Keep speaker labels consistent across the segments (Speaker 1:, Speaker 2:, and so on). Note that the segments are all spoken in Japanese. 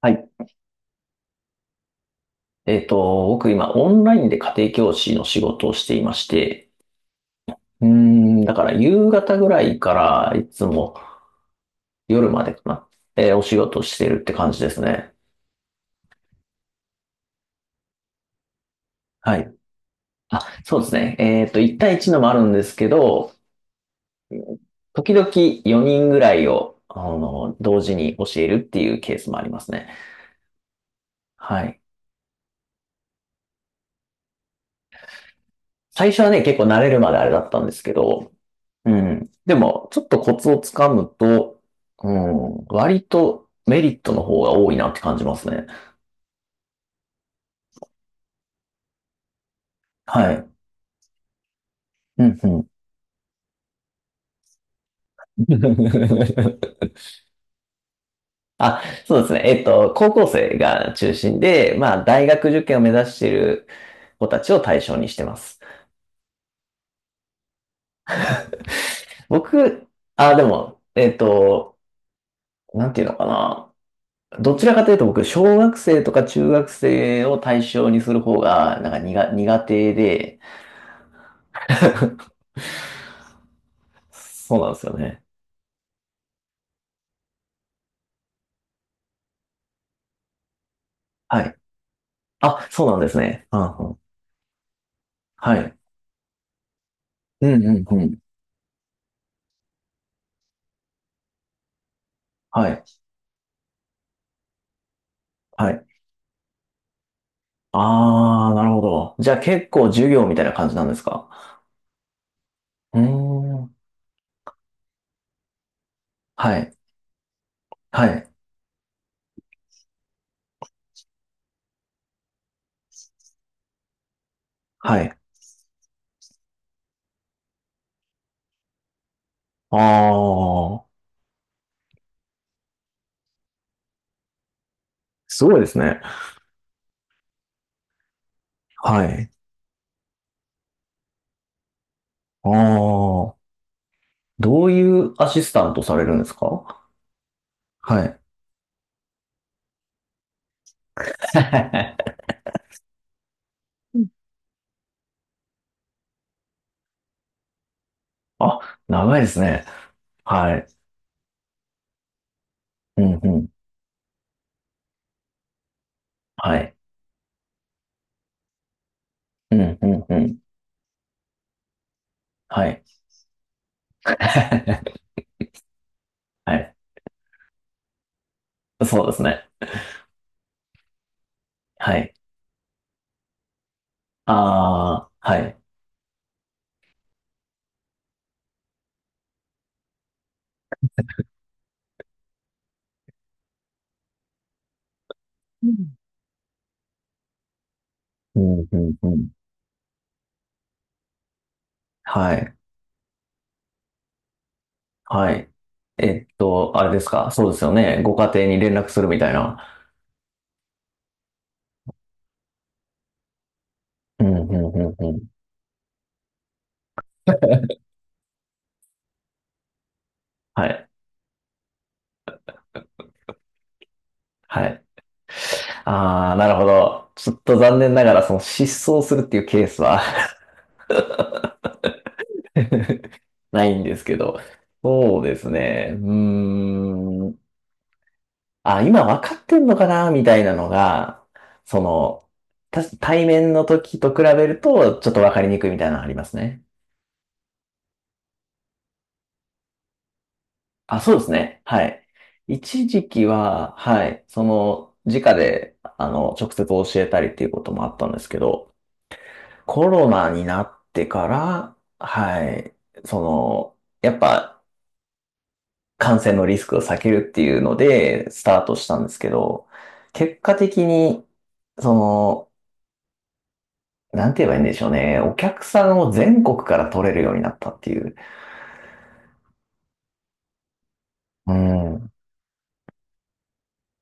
Speaker 1: はい。僕今オンラインで家庭教師の仕事をしていまして、だから夕方ぐらいからいつも夜までかな、お仕事をしてるって感じですね。はい。あ、そうですね。1対1のもあるんですけど、時々4人ぐらいを、同時に教えるっていうケースもありますね。はい。最初はね、結構慣れるまであれだったんですけど、うん。でも、ちょっとコツをつかむと、うん、割とメリットの方が多いなって感じますね。はい。うん、うん。あ、そうですね。高校生が中心で、まあ、大学受験を目指している子たちを対象にしてます。僕、あ、でも、なんていうのかな。どちらかというと僕、小学生とか中学生を対象にする方が、なんか苦手で、そうなんですよね。はい。あ、そうなんですね。うんうん。はい。うんうんうん。はい。はい。ああ、なるほど。じゃあ結構授業みたいな感じなんですか？うーん。はい。はい。はい。ああ、すごいですね。はい。ああ、どういうアシスタントされるんですか？はい。あ、長いですね。はい。うんうん。はい。うんうんうん。はい。はい。そうですね。はい。ああ、はい。うん。うん、うん、うん。はい、はい。あれですか？そうですよね。ご家庭に連絡するみたいな。うん、うん、うん、うん。はい、はい。ああ、なるほど。ちょっと残念ながら、その失踪するっていうケースは ないんですけど。そうですね。うーん。あ、今分かってんのかなみたいなのが、その、対面の時と比べると、ちょっと分かりにくいみたいなのありますね。あ、そうですね。はい。一時期は、はい、その、直で、直接教えたりっていうこともあったんですけど、コロナになってから、はい、その、やっぱ、感染のリスクを避けるっていうので、スタートしたんですけど、結果的に、その、なんて言えばいいんでしょうね。お客さんを全国から取れるようになったっていう。うん、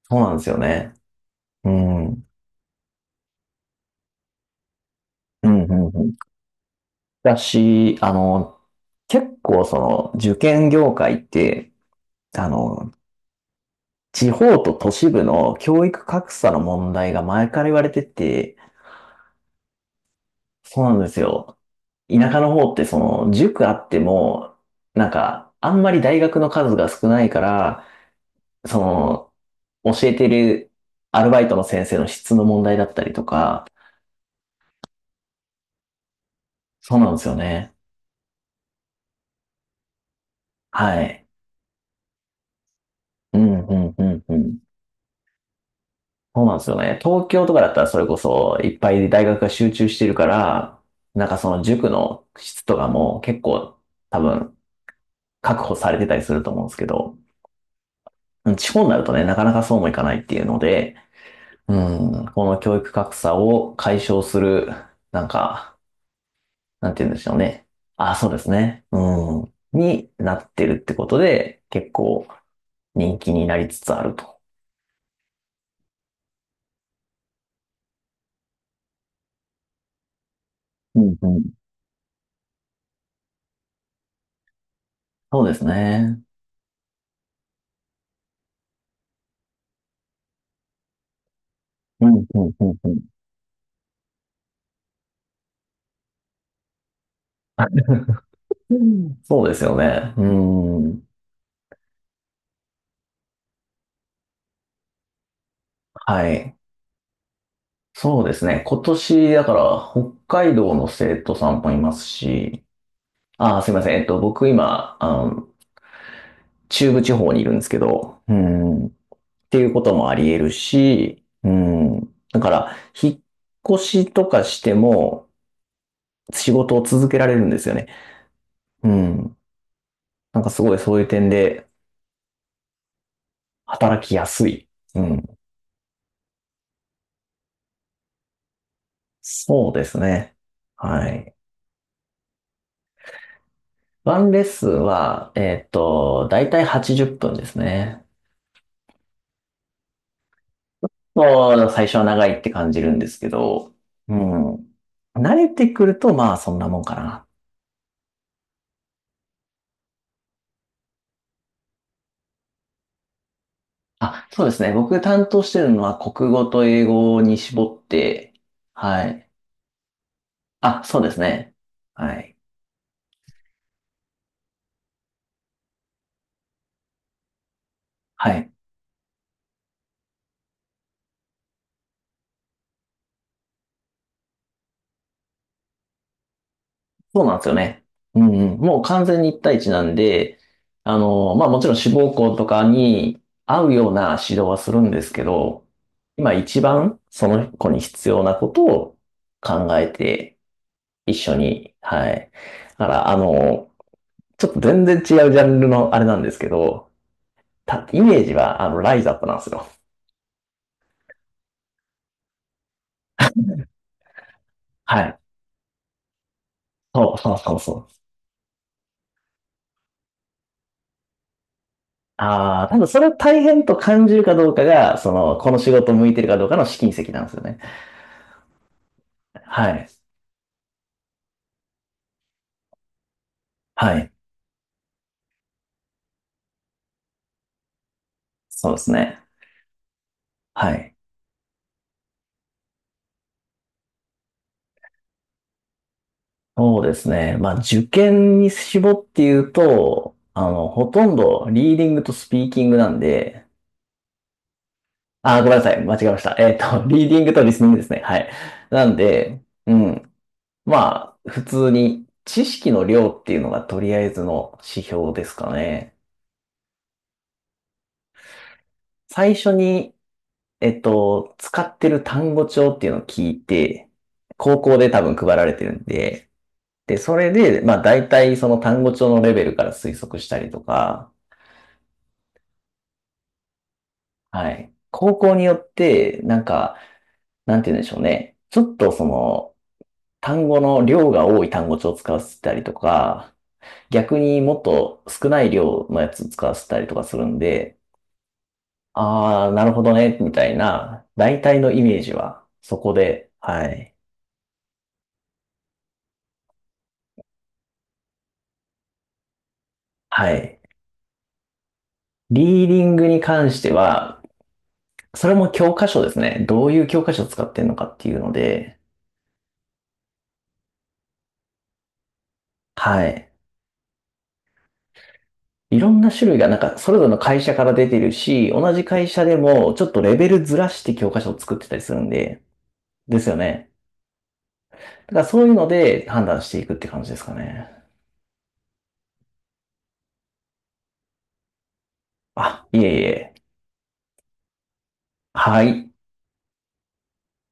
Speaker 1: そうなんですよね。うん、うん、うん、うん。だし、あの、結構その受験業界って、あの、地方と都市部の教育格差の問題が前から言われてて、そうなんですよ。田舎の方ってその塾あっても、なんか、あんまり大学の数が少ないから、その、教えてるアルバイトの先生の質の問題だったりとか、そうなんですよね。はい。うん、うん、うん、うん。そうなんですよね。東京とかだったらそれこそいっぱい大学が集中してるから、なんかその塾の質とかも結構多分確保されてたりすると思うんですけど、うん、地方になるとね、なかなかそうもいかないっていうので、うん、この教育格差を解消する、なんか、なんて言うんでしょうね。あ、そうですね。うん、になってるってことで、結構人気になりつつあると。うん、うん、そうですね。うんうんうんうんうん。そうですよね。うーん。はい。そうですね。今年、だから、北海道の生徒さんもいますし、あー、すいません。僕今、中部地方にいるんですけど、うん。っていうこともあり得るし、うん。だから、引っ越しとかしても、仕事を続けられるんですよね。うん。なんかすごいそういう点で、働きやすい。うん。そうですね。はい。ワンレッスンは、だいたい80分ですね。もう、最初は長いって感じるんですけど、うん。慣れてくると、まあ、そんなもんかな。あ、そうですね。僕担当してるのは、国語と英語に絞って、はい。あ、そうですね。はい。はい。そうなんですよね。うんうん。もう完全に一対一なんで、まあもちろん志望校とかに合うような指導はするんですけど、今一番その子に必要なことを考えて一緒に、はい。だから、ちょっと全然違うジャンルのあれなんですけど、イメージはあの、ライズアップなんですよ。はい。そうそうそうそう。ああ、多分それを大変と感じるかどうかが、その、この仕事向いてるかどうかの試金石なんですよね。はい。はい。そうですね。はい。そうですね。まあ、受験に絞って言うと、ほとんどリーディングとスピーキングなんで、あ、ごめんなさい。間違えました。リーディングとリスニングですね。はい。なんで、うん。まあ、普通に知識の量っていうのがとりあえずの指標ですかね。最初に、使ってる単語帳っていうのを聞いて、高校で多分配られてるんで、で、それで、まあ大体その単語帳のレベルから推測したりとか、はい。高校によって、なんか、なんて言うんでしょうね。ちょっとその、単語の量が多い単語帳を使わせたりとか、逆にもっと少ない量のやつ使わせたりとかするんで、あー、なるほどね、みたいな、大体のイメージは、そこで、はい。はい。リーディングに関しては、それも教科書ですね。どういう教科書を使ってるのかっていうので、はい。いろんな種類が、なんか、それぞれの会社から出てるし、同じ会社でも、ちょっとレベルずらして教科書を作ってたりするんで、ですよね。だからそういうので判断していくって感じですかね。あ、いえいえ。はい。